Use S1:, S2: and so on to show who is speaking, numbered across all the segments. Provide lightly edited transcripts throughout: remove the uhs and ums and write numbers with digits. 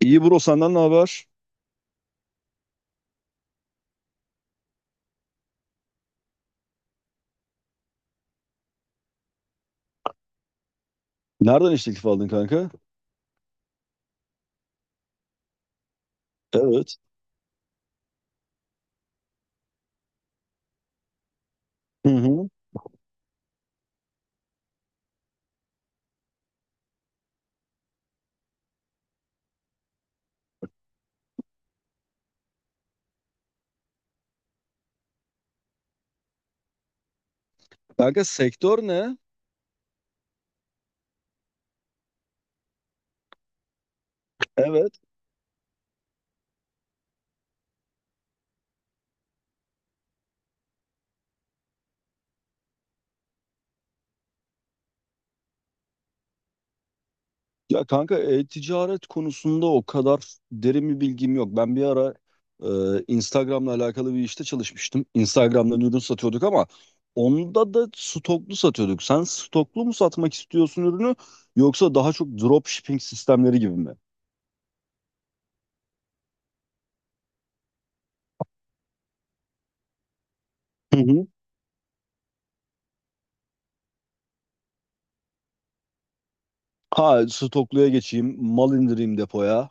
S1: İyi bro, senden ne haber? Nereden iş teklifi aldın kanka? Evet. Hı hı. Kanka sektör ne? Evet. Ya kanka e-ticaret konusunda o kadar derin bir bilgim yok. Ben bir ara e, Instagram'la alakalı bir işte çalışmıştım. Instagram'dan ürün satıyorduk ama onda da stoklu satıyorduk. Sen stoklu mu satmak istiyorsun ürünü, yoksa daha çok dropshipping sistemleri gibi mi? Hı hı. Ha, stokluya geçeyim, mal indireyim depoya.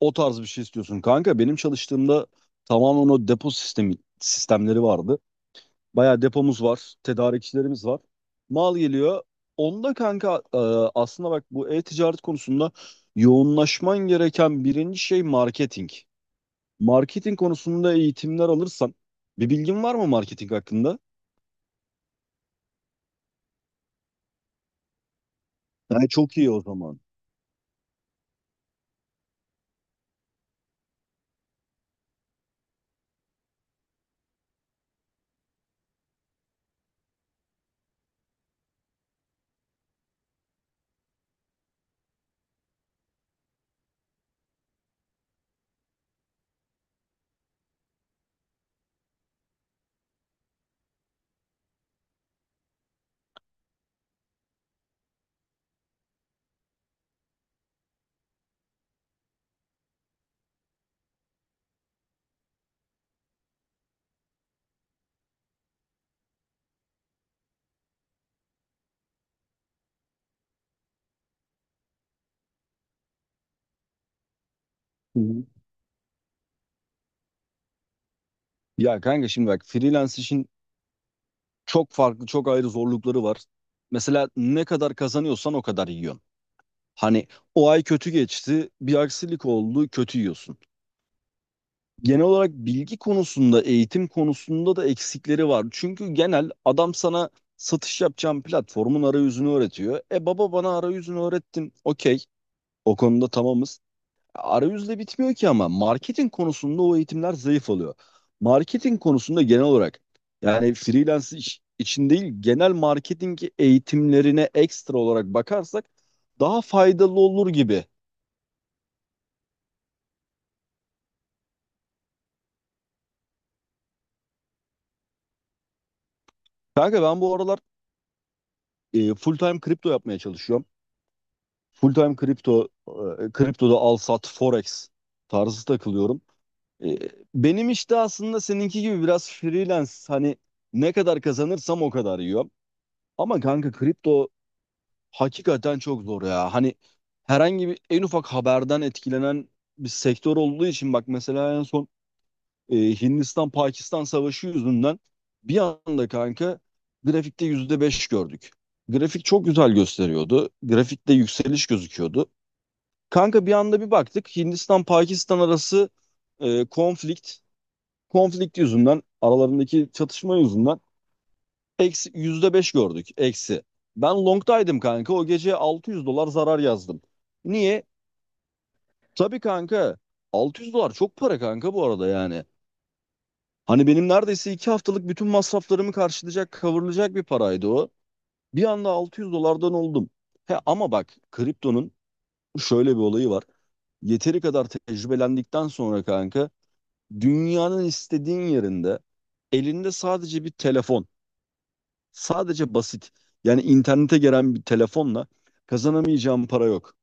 S1: O tarz bir şey istiyorsun kanka. Benim çalıştığımda tamamen o depo sistemi sistemleri vardı. Bayağı depomuz var, tedarikçilerimiz var. Mal geliyor. Onda kanka aslında bak, bu e-ticaret konusunda yoğunlaşman gereken birinci şey marketing. Marketing konusunda eğitimler alırsan, bir bilgin var mı marketing hakkında? Yani çok iyi o zaman. Hı hı. Ya kanka şimdi bak, freelance için çok farklı, çok ayrı zorlukları var. Mesela ne kadar kazanıyorsan o kadar yiyorsun. Hani o ay kötü geçti, bir aksilik oldu, kötü yiyorsun. Genel olarak bilgi konusunda, eğitim konusunda da eksikleri var. Çünkü genel adam sana satış yapacağın platformun arayüzünü öğretiyor. E baba, bana arayüzünü öğrettin. Okey, o konuda tamamız. Arayüzle bitmiyor ki ama marketing konusunda o eğitimler zayıf oluyor. Marketing konusunda genel olarak, yani freelance iş için değil, genel marketing eğitimlerine ekstra olarak bakarsak daha faydalı olur gibi. Kanka ben bu aralar full time kripto yapmaya çalışıyorum. Full time kripto, kriptoda al sat, forex tarzı takılıyorum. E, benim işte aslında seninki gibi biraz freelance, hani ne kadar kazanırsam o kadar yiyorum. Ama kanka kripto hakikaten çok zor ya. Hani herhangi bir en ufak haberden etkilenen bir sektör olduğu için, bak mesela en son e, Hindistan-Pakistan savaşı yüzünden bir anda kanka grafikte %5 gördük. Grafik çok güzel gösteriyordu. Grafikte yükseliş gözüküyordu. Kanka bir anda bir baktık, Hindistan-Pakistan arası e, konflikt, konflikt yüzünden, aralarındaki çatışma yüzünden eksi %5 gördük, eksi. Ben long'daydım kanka, o gece 600 dolar zarar yazdım. Niye? Tabii kanka, 600 dolar çok para kanka bu arada yani. Hani benim neredeyse 2 haftalık bütün masraflarımı karşılayacak, kavurulacak bir paraydı o. Bir anda 600 dolardan oldum. He ama bak, kriptonun şöyle bir olayı var. Yeteri kadar tecrübelendikten sonra kanka, dünyanın istediğin yerinde, elinde sadece bir telefon, sadece basit, yani internete gelen bir telefonla kazanamayacağın para yok.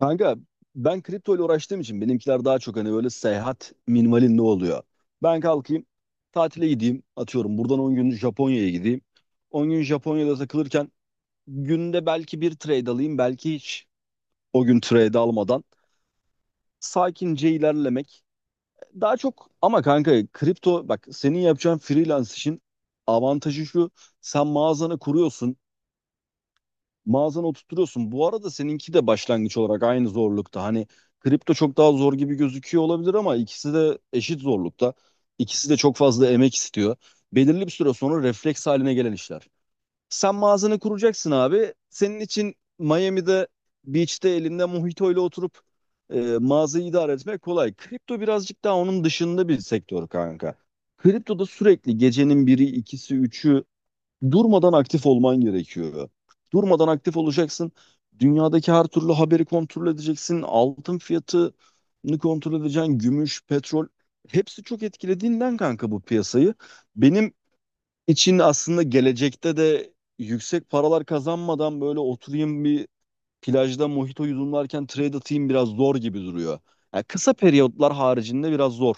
S1: Kanka ben kripto ile uğraştığım için benimkiler daha çok hani böyle seyahat minimalinde oluyor. Ben kalkayım tatile gideyim, atıyorum buradan 10 gün Japonya'ya gideyim. 10 gün Japonya'da takılırken günde belki bir trade alayım, belki hiç o gün trade almadan sakince ilerlemek. Daha çok ama kanka kripto, bak senin yapacağın freelance için avantajı şu: sen mağazanı kuruyorsun, mağazana oturtuyorsun. Bu arada seninki de başlangıç olarak aynı zorlukta. Hani kripto çok daha zor gibi gözüküyor olabilir ama ikisi de eşit zorlukta. İkisi de çok fazla emek istiyor. Belirli bir süre sonra refleks haline gelen işler. Sen mağazanı kuracaksın abi. Senin için Miami'de beach'te elinde mojito ile oturup mağazayı idare etmek kolay. Kripto birazcık daha onun dışında bir sektör kanka. Kriptoda sürekli gecenin biri, ikisi, üçü, durmadan aktif olman gerekiyor. Durmadan aktif olacaksın. Dünyadaki her türlü haberi kontrol edeceksin. Altın fiyatını kontrol edeceksin. Gümüş, petrol. Hepsi çok etkilediğinden kanka bu piyasayı. Benim için aslında gelecekte de yüksek paralar kazanmadan böyle oturayım, bir plajda mojito yudumlarken trade atayım biraz zor gibi duruyor. Yani kısa periyotlar haricinde biraz zor.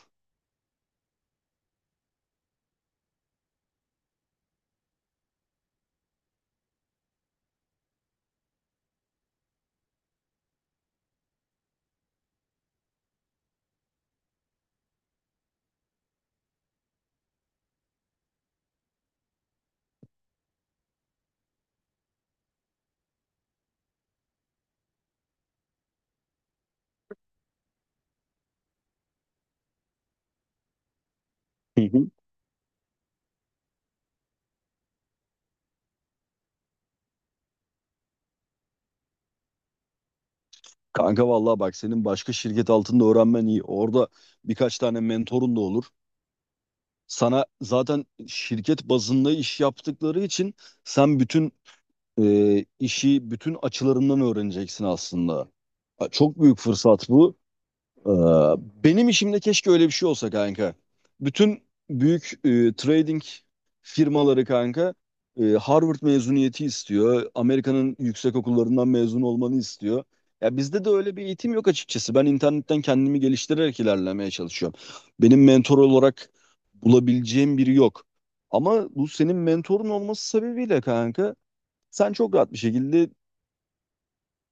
S1: Hı hı. Kanka vallahi bak, senin başka şirket altında öğrenmen iyi. Orada birkaç tane mentorun da olur. Sana zaten şirket bazında iş yaptıkları için sen bütün işi bütün açılarından öğreneceksin aslında. Ha, çok büyük fırsat bu. Ee, Benim işimde keşke öyle bir şey olsa kanka. Bütün büyük trading firmaları kanka Harvard mezuniyeti istiyor. Amerika'nın yüksek okullarından mezun olmanı istiyor. Ya bizde de öyle bir eğitim yok açıkçası. Ben internetten kendimi geliştirerek ilerlemeye çalışıyorum. Benim mentor olarak bulabileceğim biri yok. Ama bu senin mentorun olması sebebiyle kanka, sen çok rahat bir şekilde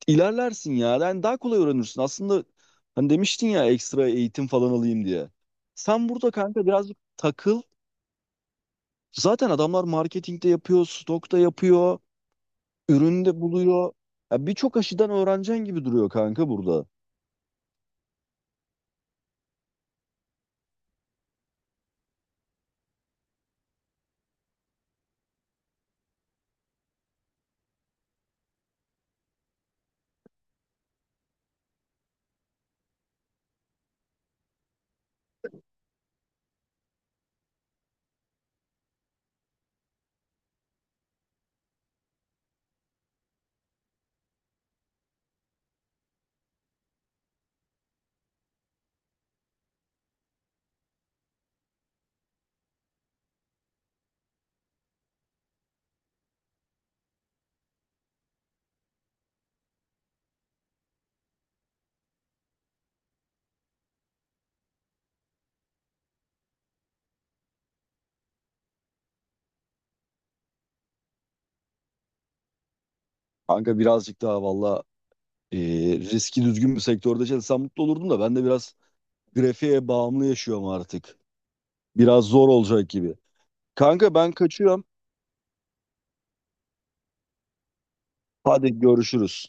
S1: ilerlersin ya. Yani daha kolay öğrenirsin. Aslında hani demiştin ya, ekstra eğitim falan alayım diye. Sen burada kanka birazcık takıl. Zaten adamlar marketingde yapıyor, stokta yapıyor, üründe buluyor. Ya birçok aşıdan öğreneceksin gibi duruyor kanka burada. Kanka birazcık daha valla e, riski düzgün bir sektörde çalışsam mutlu olurdum da, ben de biraz grafiğe bağımlı yaşıyorum artık. Biraz zor olacak gibi. Kanka ben kaçıyorum. Hadi görüşürüz.